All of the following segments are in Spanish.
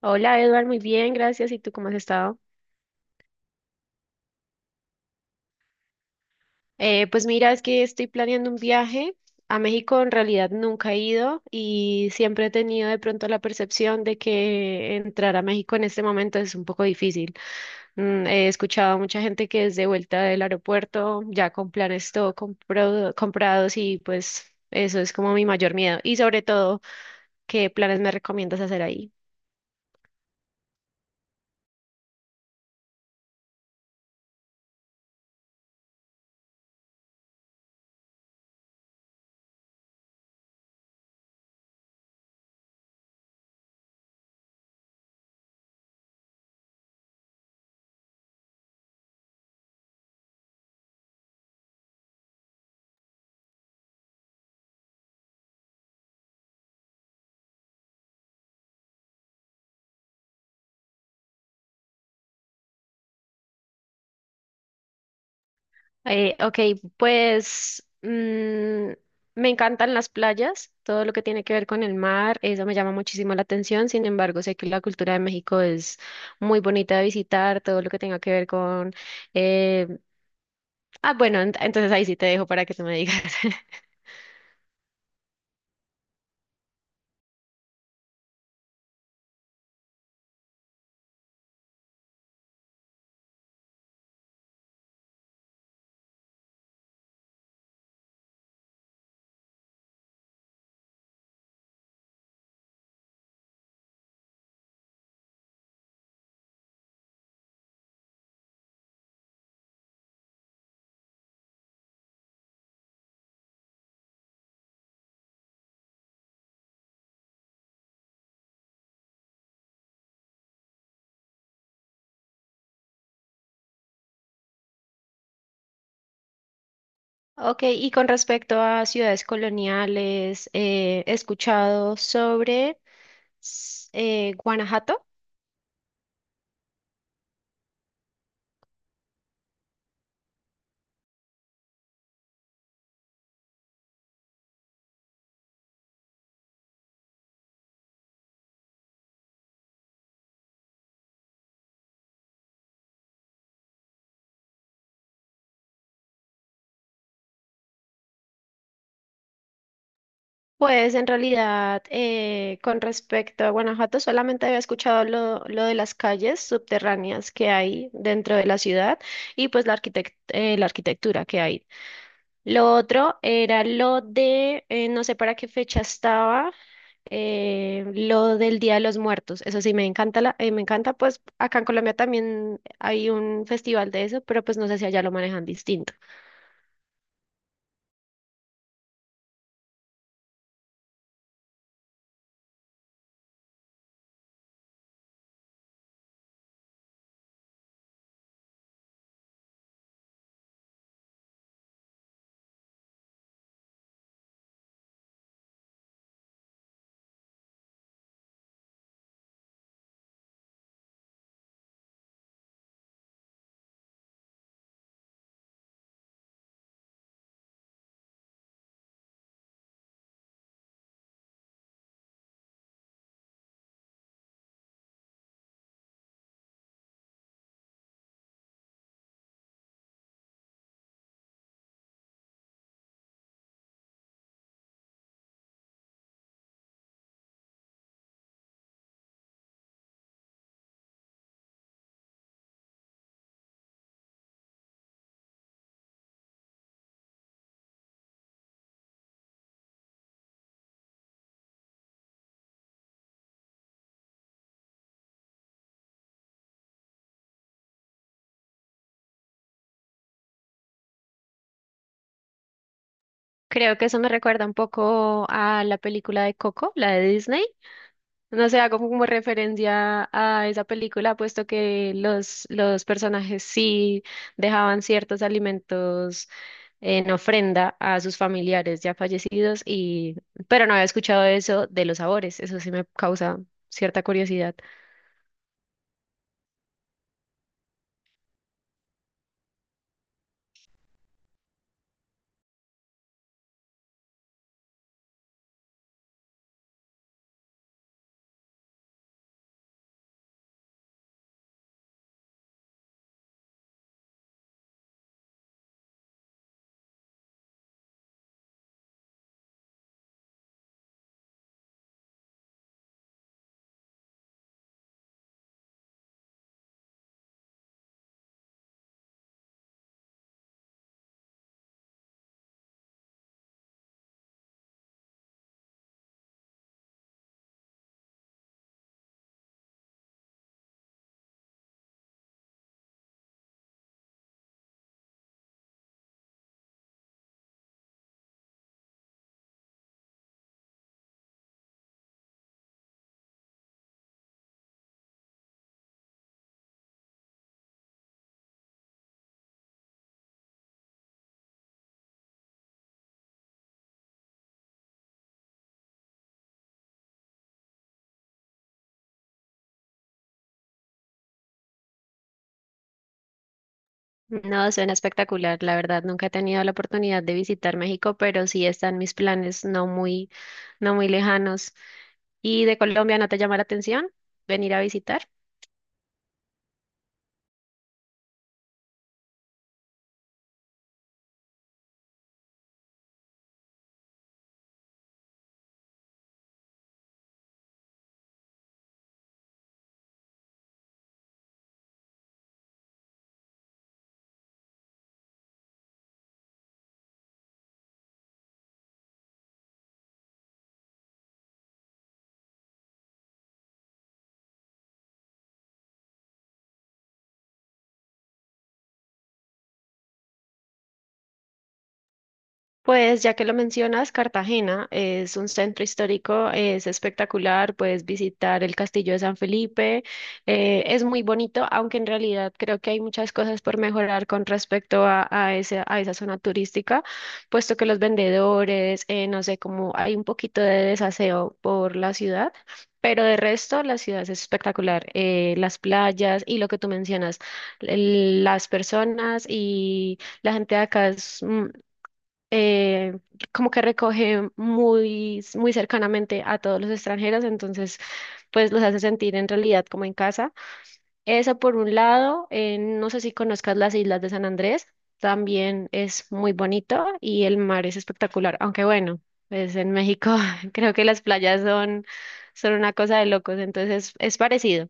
Hola Edward, muy bien, gracias. ¿Y tú cómo has estado? Pues mira, es que estoy planeando un viaje a México. En realidad nunca he ido y siempre he tenido de pronto la percepción de que entrar a México en este momento es un poco difícil. He escuchado a mucha gente que es de vuelta del aeropuerto ya con planes todo comprados y pues eso es como mi mayor miedo. Y sobre todo, ¿qué planes me recomiendas hacer ahí? Ok. pues mm, Me encantan las playas, todo lo que tiene que ver con el mar, eso me llama muchísimo la atención. Sin embargo, sé que la cultura de México es muy bonita de visitar, todo lo que tenga que ver con... eh, ah, bueno, entonces ahí sí te dejo para que tú me digas. Ok, y con respecto a ciudades coloniales, he escuchado sobre Guanajuato. Pues en realidad, con respecto a Guanajuato, solamente había escuchado lo de las calles subterráneas que hay dentro de la ciudad y pues la la arquitectura que hay. Lo otro era lo de, no sé para qué fecha estaba, lo del Día de los Muertos. Eso sí, me encanta, me encanta. Pues acá en Colombia también hay un festival de eso, pero pues no sé si allá lo manejan distinto. Creo que eso me recuerda un poco a la película de Coco, la de Disney. No sé, hago como referencia a esa película, puesto que los personajes sí dejaban ciertos alimentos en ofrenda a sus familiares ya fallecidos, y, pero no había escuchado eso de los sabores, eso sí me causa cierta curiosidad. No, suena espectacular, la verdad. Nunca he tenido la oportunidad de visitar México, pero sí están mis planes no muy lejanos. ¿Y de Colombia no te llama la atención venir a visitar? Pues ya que lo mencionas, Cartagena es un centro histórico, es espectacular, puedes visitar el Castillo de San Felipe, es muy bonito, aunque en realidad creo que hay muchas cosas por mejorar con respecto a, a esa zona turística, puesto que los vendedores, no sé, como hay un poquito de desaseo por la ciudad. Pero de resto, la ciudad es espectacular. Las playas y lo que tú mencionas, las personas y la gente de acá es, eh, como que recoge muy cercanamente a todos los extranjeros, entonces pues los hace sentir en realidad como en casa. Esa por un lado. No sé si conozcas las islas de San Andrés, también es muy bonito y el mar es espectacular. Aunque bueno, pues en México creo que las playas son, son una cosa de locos, entonces es parecido.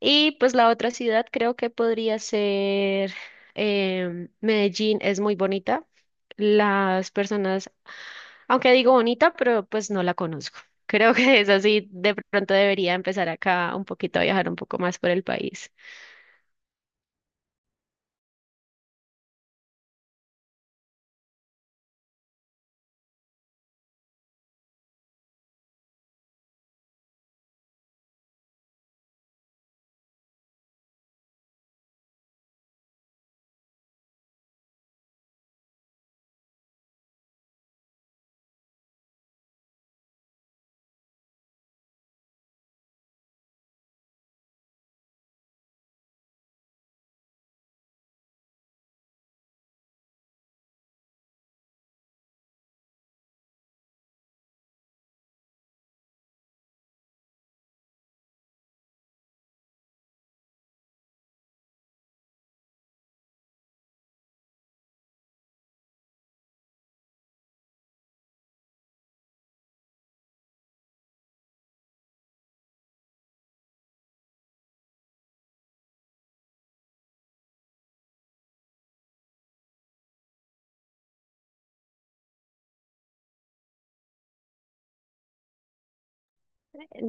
Y pues la otra ciudad creo que podría ser Medellín, es muy bonita las personas, aunque digo bonita, pero pues no la conozco. Creo que es así, de pronto debería empezar acá un poquito a viajar un poco más por el país.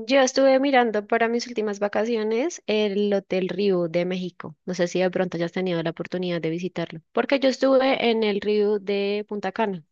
Yo estuve mirando para mis últimas vacaciones el Hotel Riu de México. No sé si de pronto hayas tenido la oportunidad de visitarlo, porque yo estuve en el Riu de Punta Cana.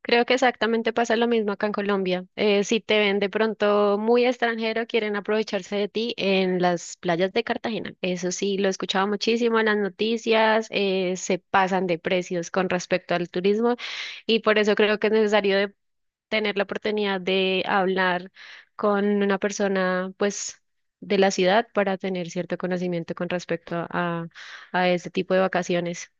Creo que exactamente pasa lo mismo acá en Colombia. Si te ven de pronto muy extranjero, quieren aprovecharse de ti en las playas de Cartagena. Eso sí, lo he escuchado muchísimo en las noticias. Se pasan de precios con respecto al turismo y por eso creo que es necesario de tener la oportunidad de hablar con una persona, pues, de la ciudad, para tener cierto conocimiento con respecto a este tipo de vacaciones.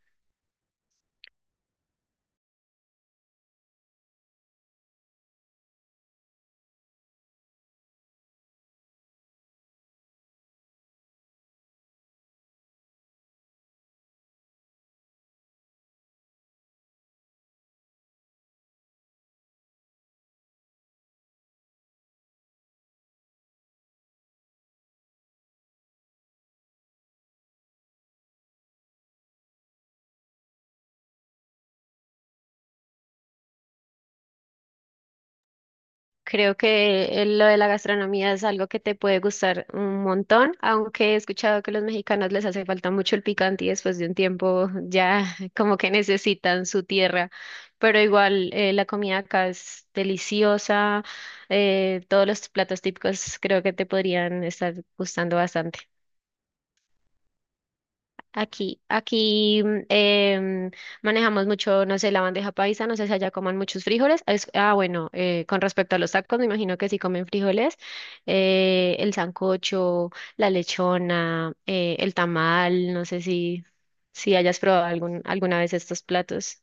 Creo que lo de la gastronomía es algo que te puede gustar un montón, aunque he escuchado que los mexicanos les hace falta mucho el picante y después de un tiempo ya como que necesitan su tierra. Pero igual la comida acá es deliciosa. Todos los platos típicos creo que te podrían estar gustando bastante. Aquí manejamos mucho, no sé, la bandeja paisa. No sé si allá coman muchos frijoles. Ah, bueno, con respecto a los tacos, me imagino que sí comen frijoles. El sancocho, la lechona, el tamal, no sé si, si hayas probado alguna vez estos platos.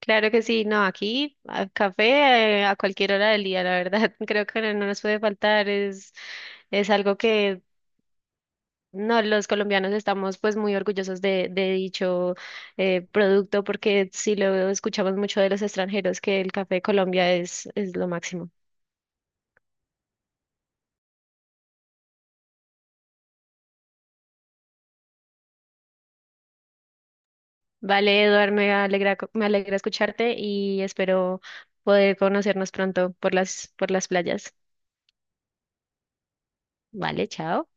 Claro que sí. No, aquí a café a cualquier hora del día, la verdad, creo que no nos puede faltar, es algo que no. Los colombianos estamos pues muy orgullosos de dicho producto, porque sí lo escuchamos mucho de los extranjeros que el café de Colombia es lo máximo. Vale, Eduard, me alegra, me alegra escucharte y espero poder conocernos pronto por por las playas. Vale, chao.